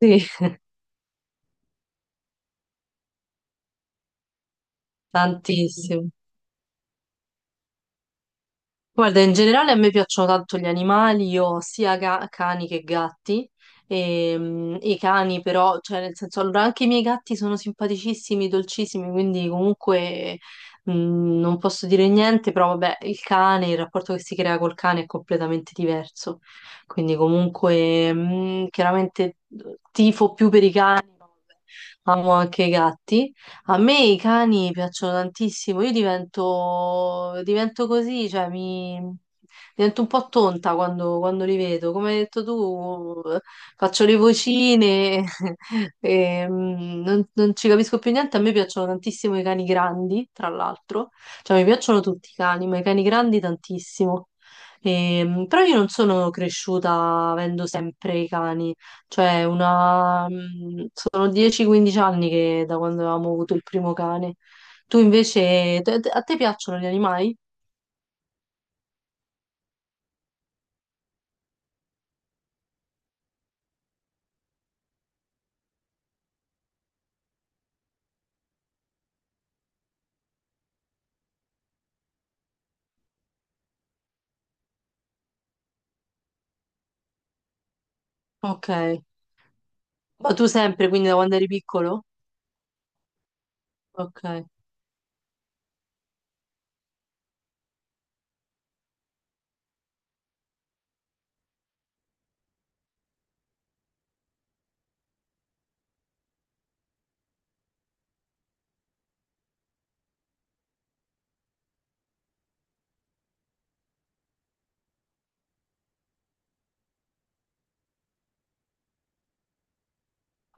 Sì, tantissimo. Guarda, in generale a me piacciono tanto gli animali, io ho sia cani che gatti. E, i cani però, cioè nel senso, allora anche i miei gatti sono simpaticissimi, dolcissimi, quindi comunque non posso dire niente, però vabbè, il cane, il rapporto che si crea col cane è completamente diverso. Quindi comunque chiaramente tifo più per i cani, ma vabbè, amo anche i gatti. A me i cani piacciono tantissimo, io divento così, cioè mi divento un po' tonta quando li vedo. Come hai detto tu, faccio le vocine e non ci capisco più niente. A me piacciono tantissimo i cani grandi, tra l'altro. Cioè, mi piacciono tutti i cani, ma i cani grandi tantissimo. E, però io non sono cresciuta avendo sempre i cani. Cioè, una... sono 10-15 anni che da quando avevamo avuto il primo cane. Tu invece, a te piacciono gli animali? Ok. Ma tu sempre, quindi da quando eri piccolo? Ok.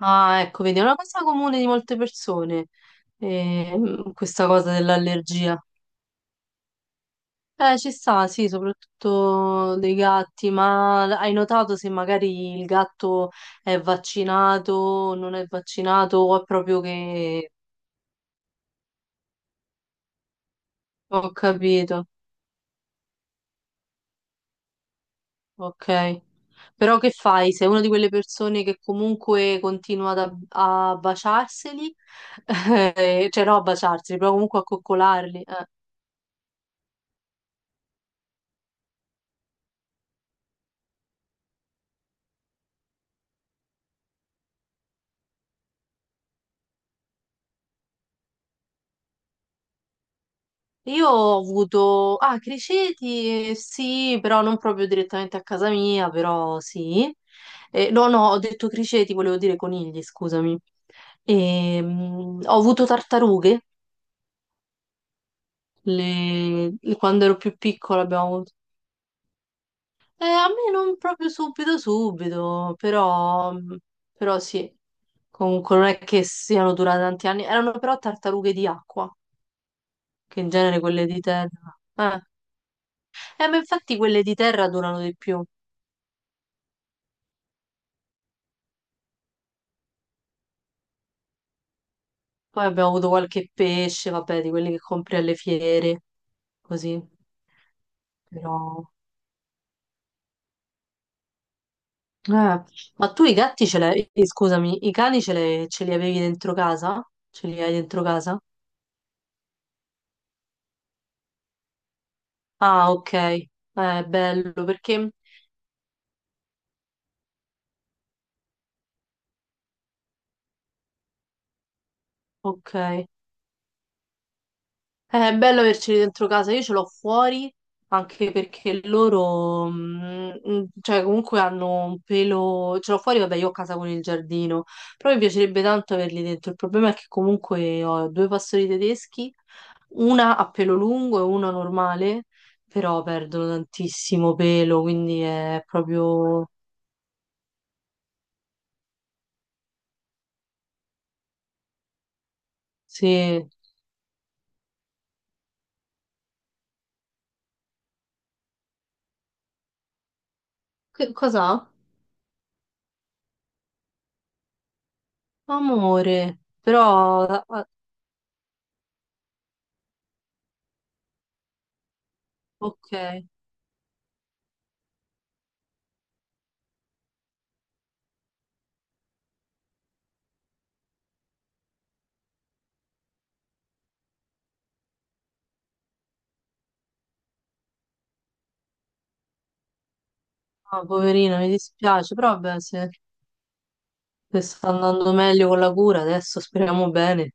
Ah, ecco, vedi, è una cosa comune di molte persone, questa cosa dell'allergia. Ci sta, sì, soprattutto dei gatti, ma hai notato se magari il gatto è vaccinato, non è vaccinato, o è proprio che... Ho capito. Ok. Però che fai? Sei una di quelle persone che comunque continua ad a baciarseli, cioè no a baciarseli, però comunque a coccolarli. Io ho avuto, ah, criceti, sì, però non proprio direttamente a casa mia, però sì. No, no, ho detto criceti, volevo dire conigli, scusami. Ho avuto tartarughe, quando ero più piccola abbiamo. A me non proprio subito subito, però, però sì, comunque non è che siano durate tanti anni, erano però tartarughe di acqua, che in genere quelle di terra. Eh, ma infatti quelle di terra durano di più. Poi abbiamo avuto qualche pesce, vabbè, di quelli che compri alle fiere, così. Però... eh, ma tu i gatti ce l'hai, scusami, i cani ce li avevi dentro casa? Ce li hai dentro casa? Ah, ok, è bello perché... Ok. È bello averceli dentro casa, io ce l'ho fuori anche perché loro, cioè comunque hanno un pelo, ce l'ho fuori, vabbè io ho casa con il giardino, però mi piacerebbe tanto averli dentro, il problema è che comunque ho due pastori tedeschi, una a pelo lungo e una normale, però perdono tantissimo pelo, quindi è proprio... Sì. Che cosa? Amore, però... ah, ah, ok, ah, poverina, mi dispiace, però vabbè, sì, che sta andando meglio con la cura adesso, speriamo bene.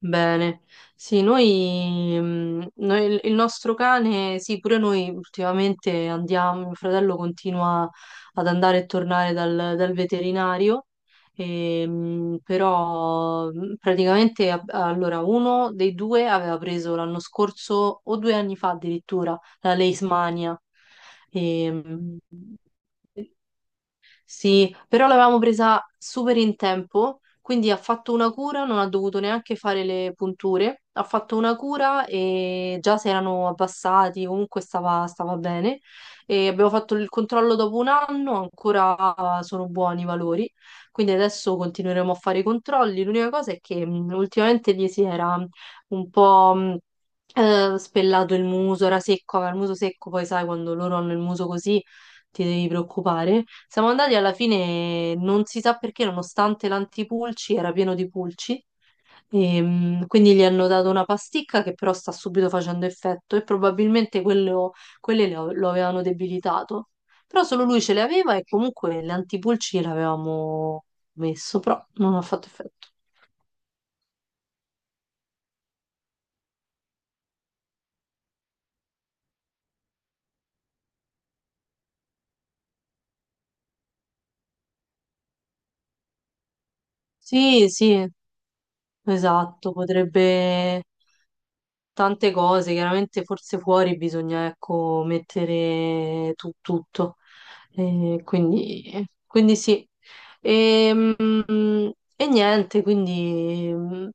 Bene. Sì, noi, il nostro cane, sì, pure noi ultimamente andiamo, mio fratello continua ad andare e tornare dal veterinario, e, però praticamente allora uno dei due aveva preso l'anno scorso o due anni fa addirittura la Leishmania. E, sì, però l'avevamo presa super in tempo, quindi ha fatto una cura, non ha dovuto neanche fare le punture, ha fatto una cura e già si erano abbassati, comunque stava bene. E abbiamo fatto il controllo dopo un anno, ancora sono buoni i valori, quindi adesso continueremo a fare i controlli. L'unica cosa è che ultimamente gli si era un po'... spellato il muso, era secco, aveva il muso secco, poi sai quando loro hanno il muso così ti devi preoccupare. Siamo andati alla fine, non si sa perché, nonostante l'antipulci era pieno di pulci. E, quindi gli hanno dato una pasticca che però sta subito facendo effetto e probabilmente lo avevano debilitato. Però solo lui ce le aveva e comunque le antipulci l'avevamo messo, però non ha fatto effetto. Sì, sì, esatto, potrebbe tante cose, chiaramente forse fuori bisogna, ecco, mettere tutto. Quindi sì. E, e niente, quindi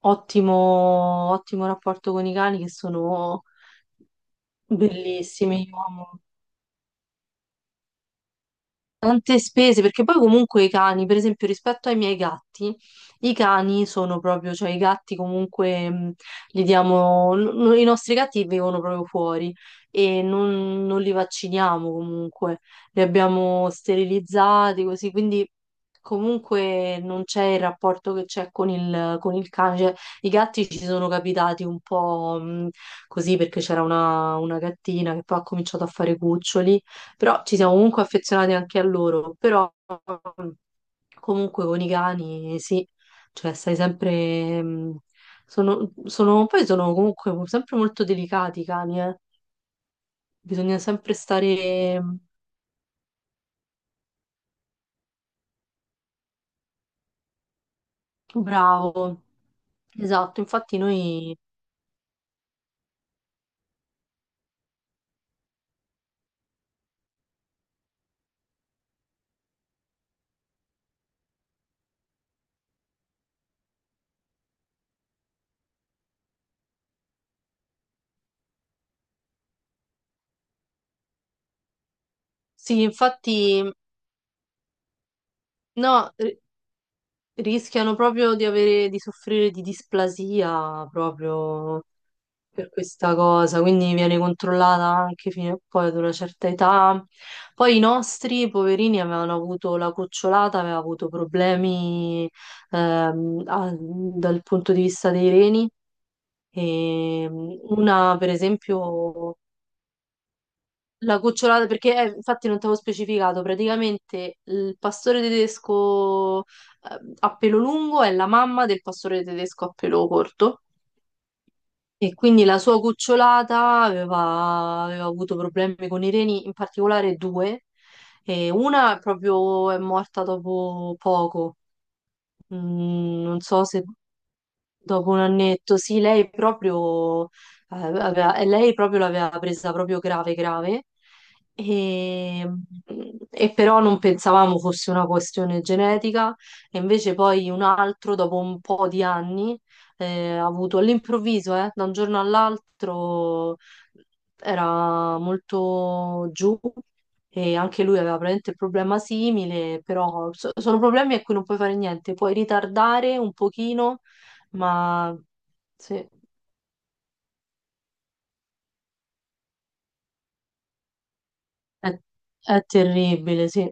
ottimo rapporto con i cani che sono bellissimi. Io amo tante spese, perché poi comunque i cani, per esempio, rispetto ai miei gatti, i cani sono proprio, cioè i gatti comunque li diamo, i nostri gatti vivono proprio fuori e non li vacciniamo comunque, li abbiamo sterilizzati così, quindi comunque non c'è il rapporto che c'è con con il cane, cioè i gatti ci sono capitati un po' così perché c'era una gattina che poi ha cominciato a fare cuccioli però ci siamo comunque affezionati anche a loro, però mm, comunque con i cani sì, cioè stai sempre... sono, poi sono comunque sempre molto delicati i cani, eh. Bisogna sempre stare bravo. Esatto, infatti noi... Sì, infatti no, rischiano proprio di avere, di soffrire di displasia proprio per questa cosa, quindi viene controllata anche fino a poi ad una certa età. Poi i nostri poverini avevano avuto la cucciolata, aveva avuto problemi dal punto di vista dei reni e una per esempio la cucciolata perché infatti non ti avevo specificato, praticamente il pastore tedesco a pelo lungo è la mamma del pastore tedesco a pelo corto. E quindi la sua cucciolata aveva, aveva avuto problemi con i reni, in particolare due, e una proprio è morta dopo poco. Mm, non so se. Dopo un annetto, sì, lei proprio, e lei proprio l'aveva presa proprio grave, grave, e, e però non pensavamo fosse una questione genetica, e invece poi un altro, dopo un po' di anni, ha avuto all'improvviso, da un giorno all'altro, era molto giù, e anche lui aveva praticamente il problema simile, però sono problemi a cui non puoi fare niente, puoi ritardare un pochino ma sì, è, è terribile, sì,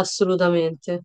assolutamente.